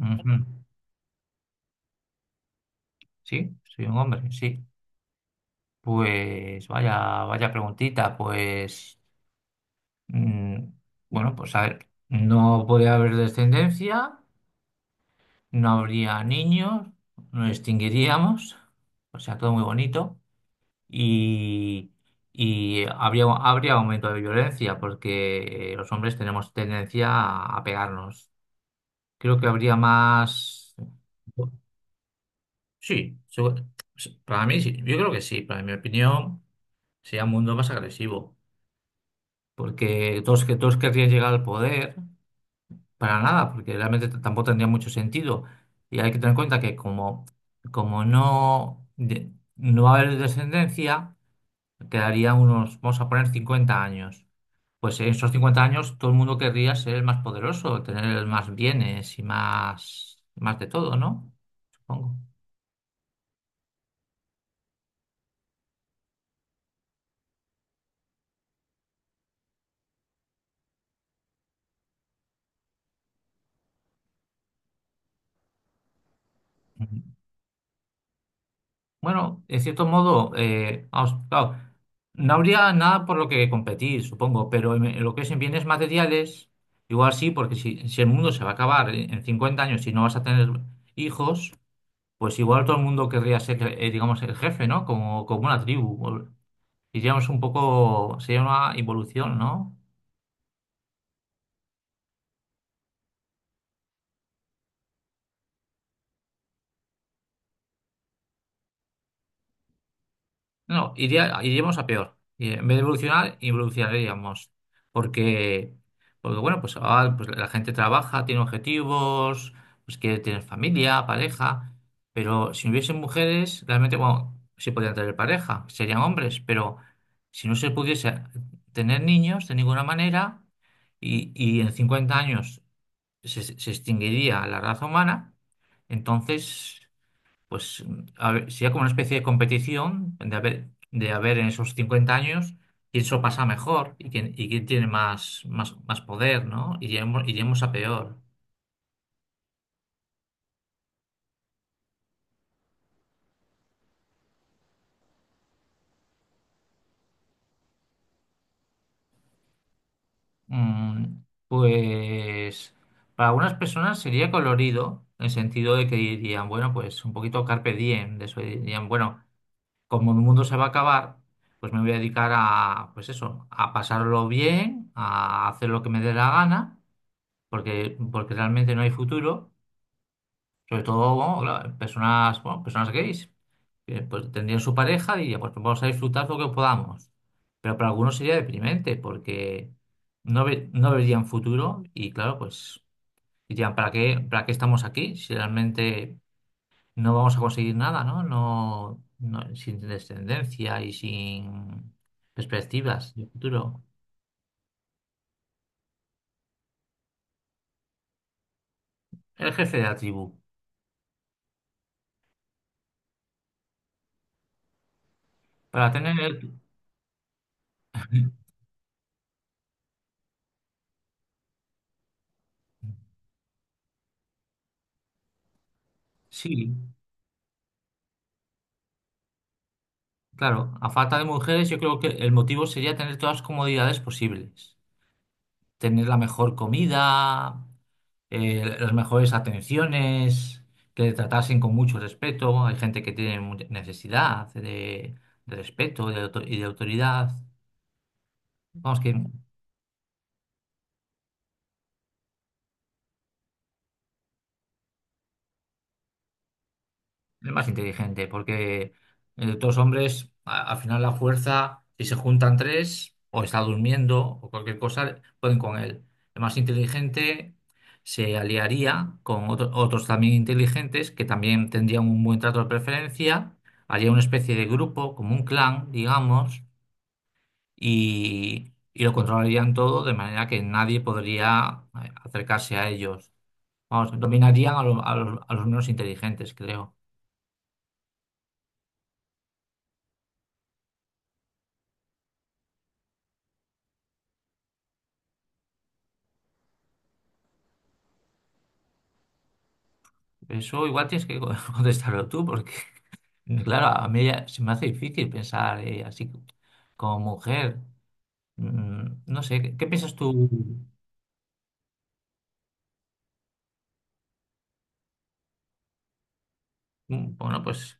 Ujú. Sí, soy un hombre, sí. Pues vaya, vaya preguntita, pues mm, bueno, pues a ver, no podría haber descendencia, no habría niños, nos extinguiríamos, o sea, todo muy bonito, y, y habría aumento de violencia, porque los hombres tenemos tendencia a pegarnos. Creo que habría más... Sí, para mí sí, yo creo que sí, para mi opinión. Sería un mundo más agresivo, porque que todos querrían llegar al poder para nada, porque realmente tampoco tendría mucho sentido. Y hay que tener en cuenta que como no va a haber descendencia, quedaría unos, vamos a poner 50 años. Pues en esos 50 años todo el mundo querría ser el más poderoso, tener más bienes y más, más de todo, ¿no? Supongo. Bueno, en cierto modo, vamos, claro, no habría nada por lo que competir, supongo, pero en lo que es en bienes materiales, igual sí, porque si el mundo se va a acabar en 50 años y no vas a tener hijos, pues igual todo el mundo querría ser, digamos, el jefe, ¿no? Como una tribu. Diríamos un poco, sería una evolución, ¿no? No, no, iríamos a peor. Y en vez de evolucionar, evolucionaríamos. Porque, porque bueno, pues, ahora, pues la gente trabaja, tiene objetivos, pues quiere tener familia, pareja. Pero si no hubiesen mujeres, realmente, bueno, sí podrían tener pareja, serían hombres. Pero si no se pudiese tener niños de ninguna manera, y en 50 años se extinguiría la raza humana, entonces pues a ver, sería como una especie de competición de haber en esos 50 años quién se lo pasa mejor y quién tiene más, más, más poder, ¿no? Iremos a peor. Pues para algunas personas sería colorido, en el sentido de que dirían, bueno, pues un poquito carpe diem, de eso dirían, bueno, como el mundo se va a acabar, pues me voy a dedicar a, pues eso, a pasarlo bien, a hacer lo que me dé la gana, porque realmente no hay futuro. Sobre todo, bueno, claro, personas, bueno, personas gays, que pues tendrían su pareja y pues vamos a disfrutar lo que podamos. Pero para algunos sería deprimente porque no verían futuro y claro, pues dirían, ¿Para qué estamos aquí si realmente no vamos a conseguir nada, ¿no? No, sin descendencia y sin perspectivas de futuro. El jefe de la tribu, para tener el... Sí. Claro, a falta de mujeres, yo creo que el motivo sería tener todas las comodidades posibles. Tener la mejor comida, las mejores atenciones, que le tratasen con mucho respeto. Hay gente que tiene necesidad de, respeto de y de autoridad. Vamos, que es más inteligente, porque dos hombres, al final la fuerza, si se juntan tres, o está durmiendo, o cualquier cosa, pueden con él. El más inteligente se aliaría con otros también inteligentes que también tendrían un buen trato de preferencia, haría una especie de grupo, como un clan, digamos, y lo controlarían todo de manera que nadie podría acercarse a ellos. Vamos, dominarían a los menos inteligentes, creo. Eso igual tienes que contestarlo tú, porque, claro, a mí ya se me hace difícil pensar así como mujer. No sé, ¿qué piensas tú? Bueno, pues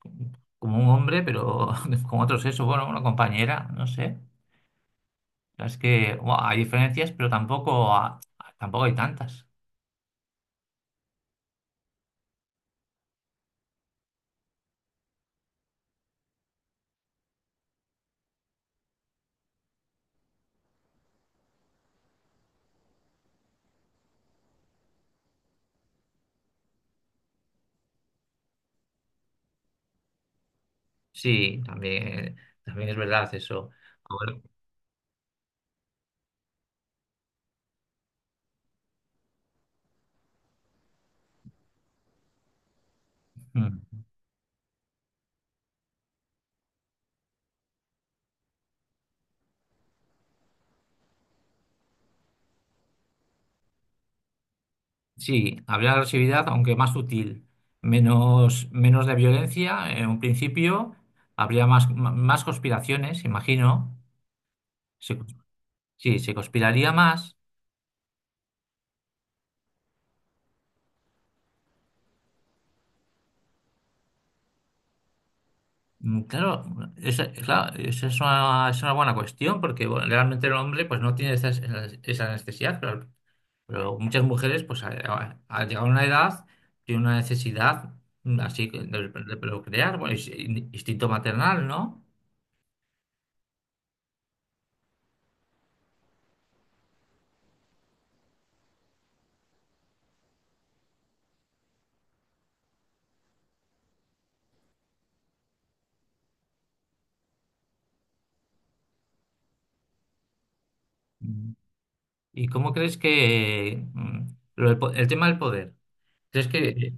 como un hombre, pero con otro sexo, bueno, una compañera, no sé. Es que bueno, hay diferencias, pero tampoco hay tantas. Sí, también es verdad eso. A ver. Sí, habría agresividad, aunque más sutil, menos de violencia en un principio, habría más conspiraciones, imagino. Se- sí, se conspiraría más. Claro, esa, claro, esa es una buena cuestión, porque bueno, realmente el hombre pues, no tiene esa, necesidad, pero muchas mujeres, pues al llegar a una edad, tienen una necesidad así de procrear, bueno, es instinto maternal, ¿no? ¿Y cómo crees que lo del tema del poder? ¿Crees que,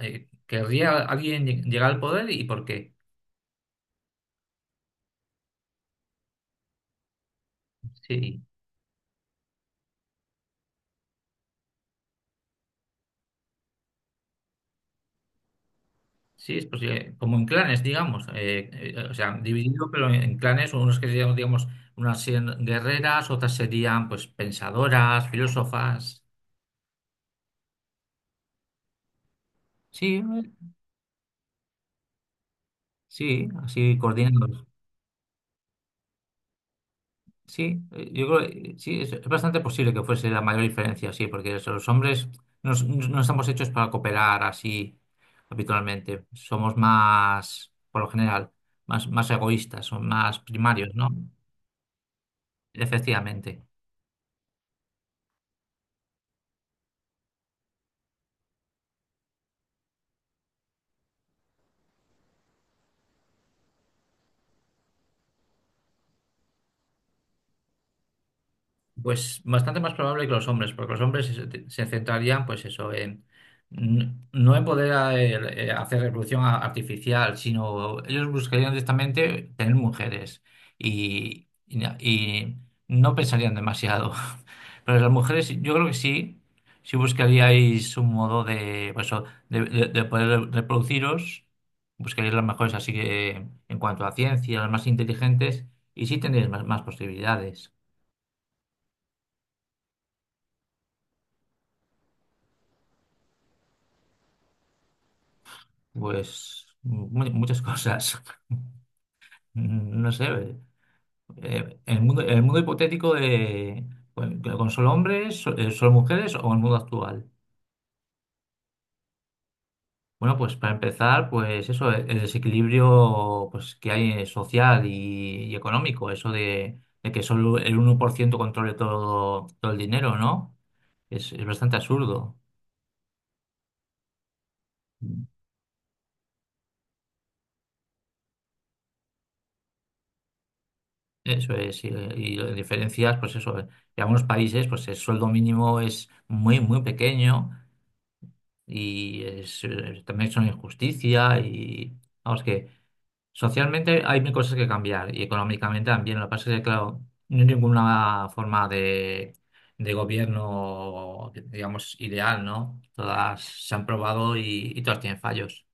querría alguien llegar al poder y por qué? Sí, sí, es posible. Como en clanes, digamos. O sea, dividido, pero en clanes, unos que serían, digamos, unas serían guerreras, otras serían, pues, pensadoras, filósofas. Sí, eh, sí, así coordinando. Sí, yo creo que sí, es bastante posible que fuese la mayor diferencia, sí, porque eso, los hombres no estamos hechos para cooperar así habitualmente. Somos más, por lo general, más egoístas, son más primarios, ¿no? Efectivamente. Pues bastante más probable que los hombres, porque los hombres se centrarían, pues eso, en no en poder hacer reproducción artificial, sino ellos buscarían directamente tener mujeres y no pensarían demasiado. Pero las mujeres, yo creo que sí, sí buscaríais un modo de, pues, de poder reproduciros, buscaríais las mejores, así que en cuanto a ciencia, las más inteligentes, y sí tendríais más posibilidades. Pues muchas cosas. No sé. El mundo hipotético de con solo hombres, solo mujeres o el mundo actual. Bueno, pues para empezar, pues eso, el desequilibrio pues, que hay social y económico, eso de, que solo el 1% controle todo el dinero, ¿no? Es bastante absurdo. Eso es, y las diferencias, pues eso, en algunos países, pues el sueldo mínimo es muy, muy pequeño y es, también son injusticia y vamos que socialmente hay mil cosas que cambiar y económicamente también. Lo que pasa es que, claro, no hay ninguna forma de, gobierno, digamos, ideal, ¿no? Todas se han probado y todas tienen fallos.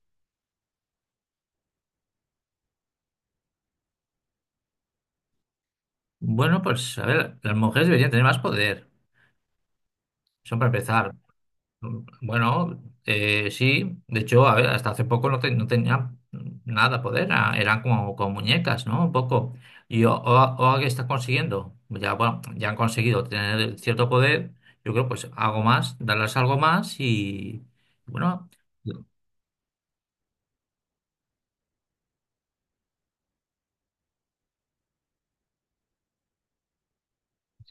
Bueno, pues a ver, las mujeres deberían tener más poder. Son para empezar. Bueno, sí, de hecho, a ver, hasta hace poco no tenía nada poder, eran como muñecas, ¿no? Un poco. Y ahora que están consiguiendo, ya, bueno, ya han conseguido tener cierto poder, yo creo, pues algo más, darles algo más y, bueno,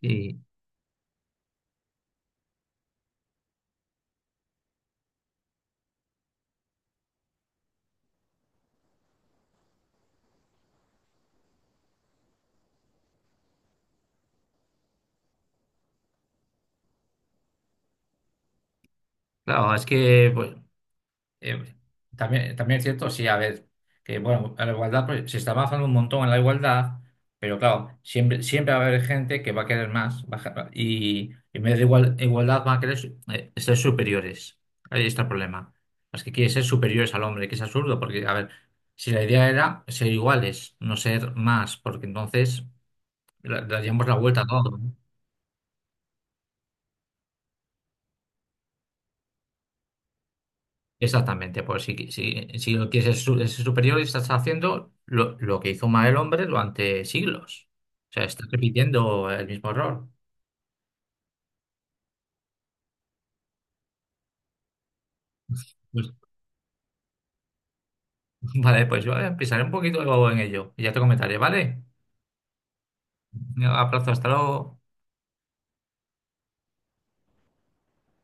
sí, claro, es que, pues, Eh, también es cierto, sí, a ver, que bueno, a la igualdad pues, se está avanzando un montón en la igualdad, pero claro, siempre va a haber gente que va a querer más y en vez de igualdad va a querer ser superiores. Ahí está el problema. Las que quiere ser superiores al hombre, que es absurdo, porque a ver, si la idea era ser iguales, no ser más, porque entonces le daríamos la vuelta a todo, ¿no? Exactamente, pues si lo quieres es ser superior, estás haciendo lo que hizo mal el hombre durante siglos. O sea, estás repitiendo el mismo error. Pues, vale, pues yo pensaré un poquito en ello y ya te comentaré, ¿vale? Un abrazo, hasta luego.